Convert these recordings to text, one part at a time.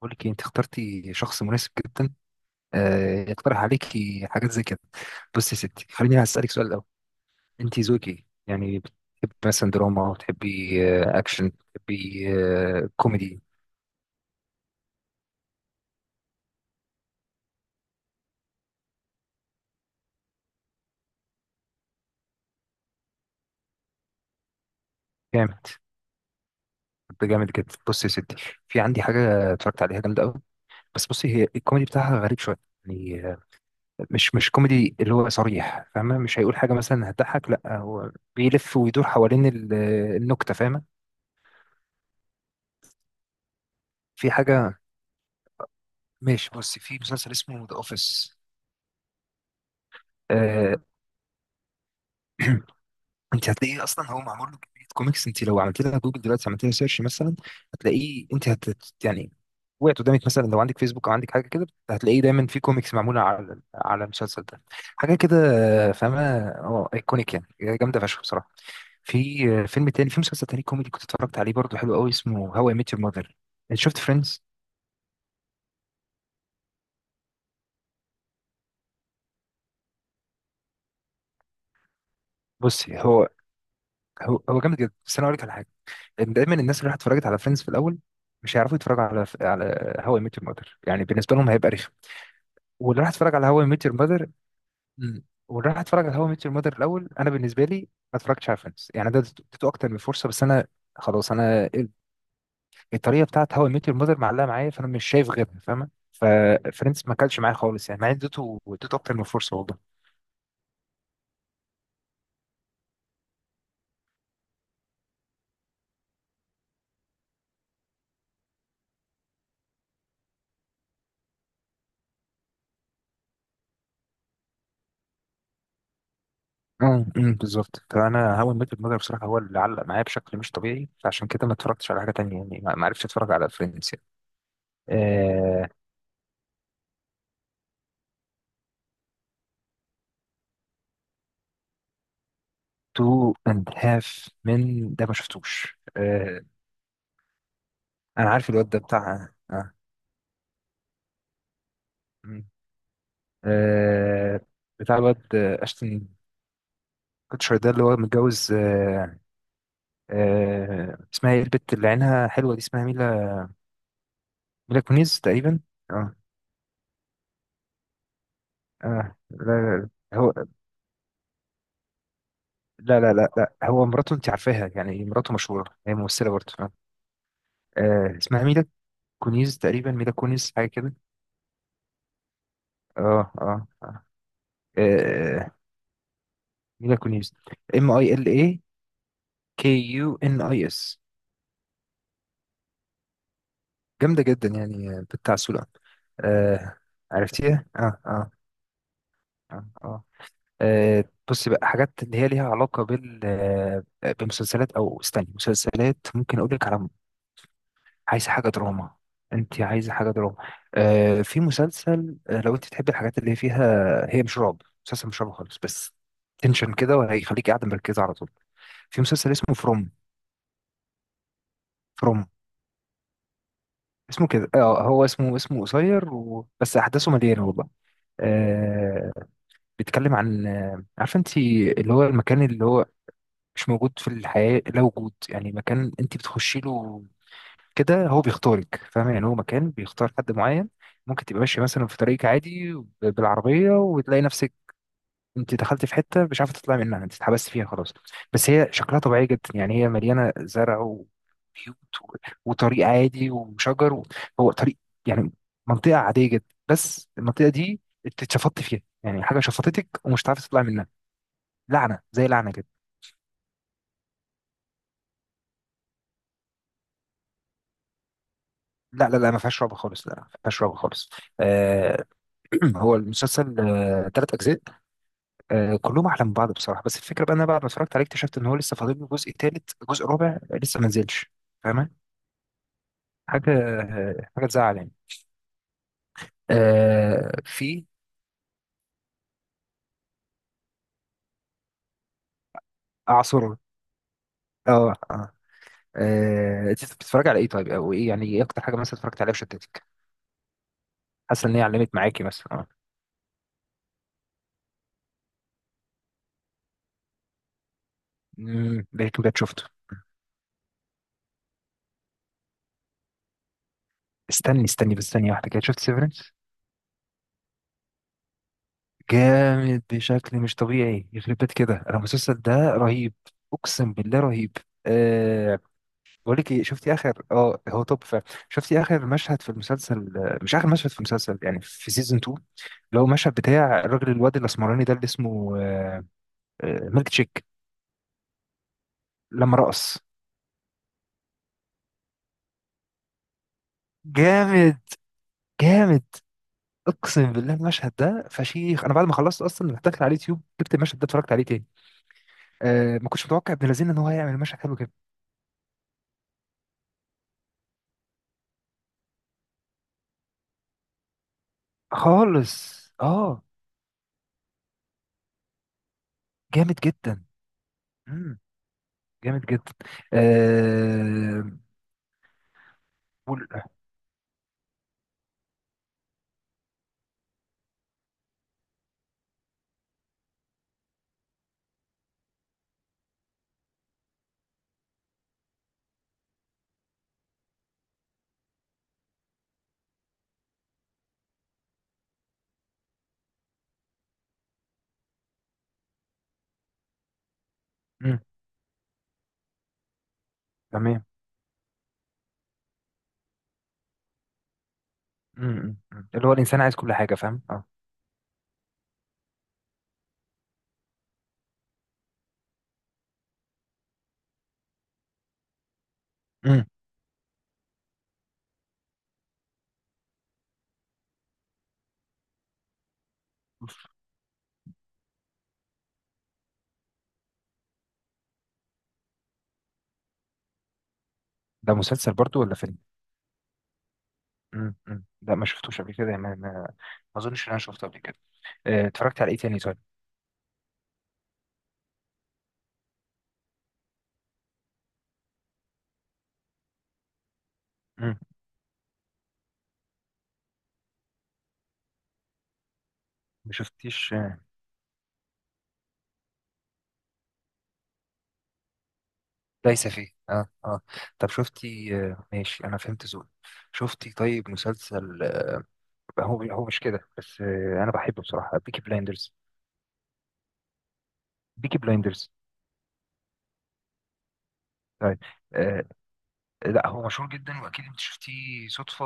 بقول لك إيه، انت اخترتي شخص مناسب جدا. يقترح عليكي حاجات زي كده. بصي يا ستي، خليني هسألك سؤال الأول. انت ذوقك ايه؟ يعني بتحبي مثلا دراما، بتحبي اكشن، بتحبي كوميدي؟ جامد. ده جامد جدا. بصي يا ستي، في عندي حاجة اتفرجت عليها جامدة قوي، بس بصي، هي الكوميدي بتاعها غريب شوية. يعني مش كوميدي اللي هو صريح، فاهمة؟ مش هيقول حاجة مثلا هتضحك، لا، هو بيلف ويدور حوالين النكتة، فاهمة؟ في حاجة. ماشي، بصي، في مسلسل اسمه ذا اوفيس. آه، انت هتلاقيه اصلا، هو معمول له كميه كوميكس، انت لو عملت لها جوجل دلوقتي، عملت لها سيرش مثلا، هتلاقيه. انت هت يعني وقعت قدامك مثلا لو عندك فيسبوك او عندك حاجه كده، هتلاقيه دايما في كوميكس معموله على المسلسل ده. حاجه كده. فاهمه. اه، ايكونيك يعني. جامده فشخ بصراحه. في فيلم تاني، في مسلسل تاني كوميدي كنت اتفرجت عليه برضه، حلو قوي، اسمه هاو اي ميت يور ماذر. شفت فريندز؟ بص، هو جامد جدا، بس انا اقول لك على حاجه. دايما الناس اللي راحت اتفرجت على فريندز في الاول مش هيعرفوا يتفرجوا على هاو اي ميت يور ماذر، يعني بالنسبه لهم هيبقى رخم. واللي راح اتفرج على هاو اي ميت يور ماذر واللي راح اتفرج على هاو اي ميت يور ماذر الاول، انا بالنسبه لي ما اتفرجتش على فريندز، يعني ده اديته اكتر من فرصه، بس انا خلاص، انا الطريقه بتاعت هاو اي ميت يور ماذر معلقه معايا، فانا مش شايف غيرها، فاهمه؟ ففريندز ما كلش معايا خالص، يعني مع إني اديته اكتر من فرصه والله. أمم، بالظبط، فانا هاو اي ميت يور ماذر بصراحه هو اللي علق معايا بشكل مش طبيعي، فعشان كده ما اتفرجتش على حاجه تانية، يعني ما عرفتش اتفرج على فريندز. آه... تو اند هاف من، ده ما شفتوش. انا عارف الواد ده، بتاع مم. آه... بتاع الواد اشتن كوتشر، ده اللي هو متجوز. اسمها ايه البت اللي عينها حلوة دي؟ اسمها ميلا، ميلا كونيز تقريبا. اه اه. لا لا لا، هو لا لا لا لا، هو مراته انت عارفاها، يعني مراته مشهورة، هي ممثلة برضه. اسمها ميلا كونيز تقريبا، ميلا كونيز حاجة كده. اه اه آه. آه، ميلا كونيس. ام اي ال اي، كي يو ان اي اس. جامده جدا، يعني بتاع سولان. آه، عرفتيها، اه اه. اه اه. آه، بصي بقى، حاجات اللي هي ليها علاقه بال بمسلسلات، او استني، مسلسلات ممكن اقول لك على، عايزه حاجه دراما؟ انت عايزه حاجه دراما؟ آه، في مسلسل لو انت تحبي الحاجات اللي فيها، هي مش رعب، مسلسل مش رعب خالص، بس تنشن كده، وهيخليك قاعده مركزه على طول. في مسلسل اسمه فروم. اسمه كده، اه، هو اسمه قصير، و... بس احداثه مليانه والله. آه، بيتكلم عن عارفه انت، اللي هو المكان اللي هو مش موجود في الحياه، لا وجود، يعني مكان انت بتخشي له كده، هو بيختارك، فاهمه؟ يعني هو مكان بيختار حد معين. ممكن تبقى ماشيه مثلا في طريقك عادي ب- بالعربيه، وتلاقي نفسك انت دخلت في حته مش عارفه تطلعي منها، انت اتحبست فيها خلاص. بس هي شكلها طبيعي جدا، يعني هي مليانه زرع وبيوت و- وطريق عادي وشجر و- هو طريق يعني منطقه عاديه جدا، بس المنطقه دي انت اتشفطت فيها، يعني حاجه شفطتك ومش عارفه تطلعي منها. لعنه، زي لعنه كده. لا لا لا، ما فيهاش رعب خالص، لا، ما فيهاش رعب خالص. آه. هو المسلسل آه ثلاث اجزاء، آه كلهم احلى من بعض بصراحه. بس الفكره بقى، إن انا بعد ما اتفرجت عليه اكتشفت ان هو لسه فاضل له جزء ثالث جزء رابع لسه ما نزلش، فاهمة؟ حاجة حاجة تزعل يعني. آه، في أعصر. اه اه. انت بتتفرج على ايه طيب؟ او ايه يعني، ايه اكتر حاجه مثلا اتفرجت عليها وشدتك، حاسه ان هي علمت معاكي مثلا؟ اه. امم، بريكنج باد شفته. استني بس ثانيه واحده كده، شفت سيفرنس؟ جامد بشكل مش طبيعي، يخرب بيت كده، انا المسلسل ده رهيب، اقسم بالله رهيب. آه، بقول لك ايه، شفتي اخر، اه هو توب فعلا، شفتي اخر مشهد في المسلسل مش اخر مشهد في المسلسل يعني، في سيزون 2، اللي هو المشهد بتاع الراجل الواد الاسمراني ده، اللي اسمه ميلك تشيك، لما رقص. جامد. جامد اقسم بالله. المشهد ده فشيخ، انا بعد ما خلصت اصلا رحت داخل على اليوتيوب، جبت المشهد ده اتفرجت عليه تاني. أه ما كنتش متوقع ابن لذين ان هو هيعمل مشهد حلو كده خالص. اه جامد جدا. امم جامد جدا. أه قول- مم، تمام. أمم. اللي هو الانسان عايز كل حاجه، فاهم؟ اه. امم. ده مسلسل برضو ولا فيلم؟ أمم. لا ما شفتوش قبل كده، ما اظنش ان انا شفته قبل كده. اتفرجت على ايه تاني طيب؟ امم. ما شفتيش ليس فيه؟ اه اه. طب شفتي ماشي، انا فهمت ذوقك. شفتي طيب مسلسل هو مش كده بس، انا بحبه بصراحه، بيكي بلايندرز. بيكي بلايندرز. طيب. آه، لا هو مشهور جدا، واكيد انت شفتيه صدفه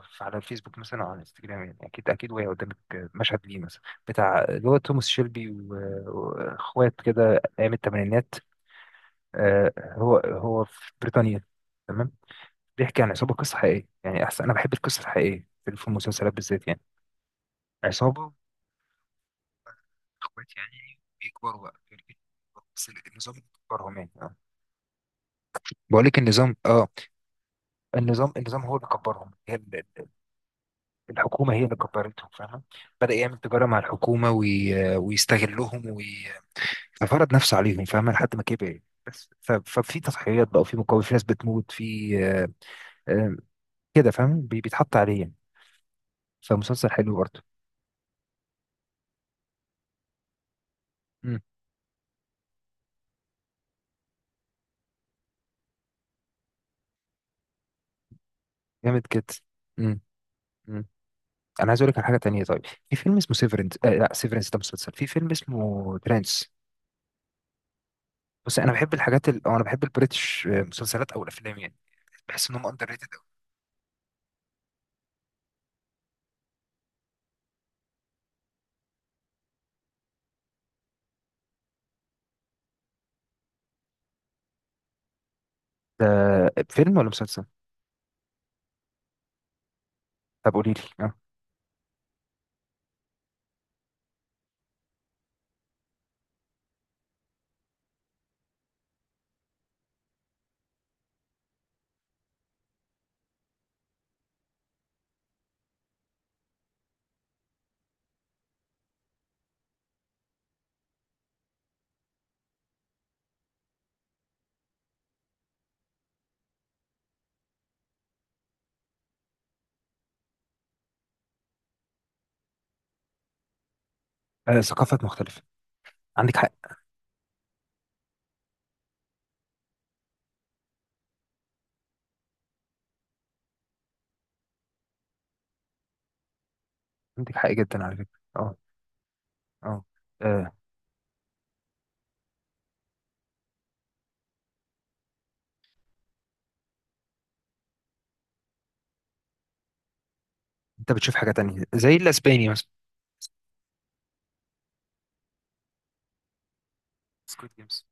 في- على الفيسبوك مثلا او على الانستجرام، يعني اكيد اكيد وهي قدامك مشهد ليه مثلا، بتاع اللي هو توماس شيلبي و- واخوات كده، ايام الثمانينات. هو في بريطانيا، تمام. بيحكي عن عصابه، قصه حقيقيه يعني، احسن انا بحب القصه الحقيقيه في المسلسلات بالذات يعني. عصابه، اخوات يعني، بيكبروا بقى، بس النظام اللي كبرهم يعني، اه. بقول لك النظام، اه، النظام هو اللي كبرهم، هي الحكومة هي اللي كبرتهم، فاهمة؟ بدأ يعمل تجارة مع الحكومة وي... ويستغلهم وي... ففرض نفسه عليهم، فاهمة؟ لحد ما كبر. بس ف... ففي تضحيات بقى، وفي مقاومة، في ناس بتموت في آه، كده فاهم، بي... بيتحط عليه يعني، فمسلسل حلو برضه. مم. جامد كده. مم. مم. أنا عايز أقول لك على حاجة تانية طيب. في فيلم اسمه سيفرنس، آه لا سيفرنس ده مسلسل، في فيلم اسمه ترانس. بص أنا بحب الحاجات ال... أو أنا بحب البريتش مسلسلات أو الأفلام يعني، بحس إنهم أندر ريتد أوي. ده فيلم ولا مسلسل؟ طب قولي لي. ثقافات مختلفة، عندك حق. عندك حق جدا على فكرة. اه اه. آه، انت بتشوف حاجة تانية زي الاسباني مثلا. سكويد جيمز.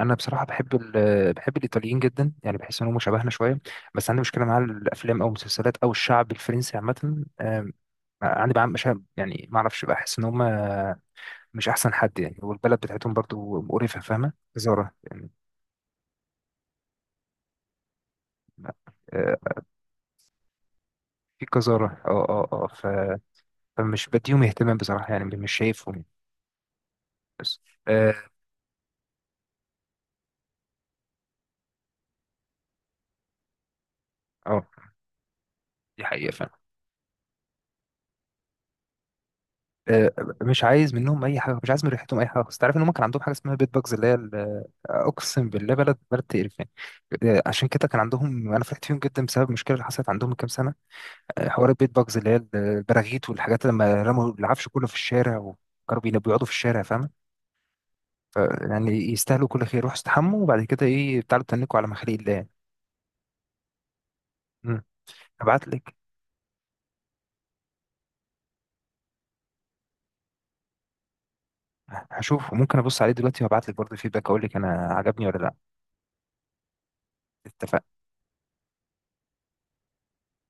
انا بصراحة بحب ال... بحب الايطاليين جدا، يعني بحس ان هم شبهنا شوية، بس عندي مشكلة مع الافلام او المسلسلات او الشعب الفرنسي عامة. عندي بقى مش، يعني ما اعرفش، بحس ان هم مش احسن حد يعني، والبلد بتاعتهم برضو مقرفة، فاهمة؟ قذارة يعني. آه، في قذارة، اه اه اه ف- فمش بديهم اهتمام بصراحة، يعني مش شايفهم يعني. بس، اه. آه. دي حقيقة فعلا. آه، مش عايز منهم أي حاجة، مش عايز من ريحتهم أي حاجة، بس تعرف إن هم كان عندهم حاجة اسمها بيت باجز اللي هي ال- أقسم بالله، بلد تقرفان. عشان كده كان عندهم، أنا فرحت فيهم جدا بسبب المشكلة اللي حصلت عندهم من كام سنة. حوار البيت باجز اللي هي البراغيث والحاجات، لما رموا العفش كله في الشارع وكانوا بينا- بيقعدوا في الشارع، فاهم؟ ف- يعني يستاهلوا كل خير، روحوا استحموا وبعد كده إيه تعالوا تنكوا على مخالق الله يعني. مم. هبعت لك. هشوف، وممكن أبص عليه دلوقتي، وهبعت لك برضه فيدباك أقول لك أنا عجبني ولا لأ. اتفقنا.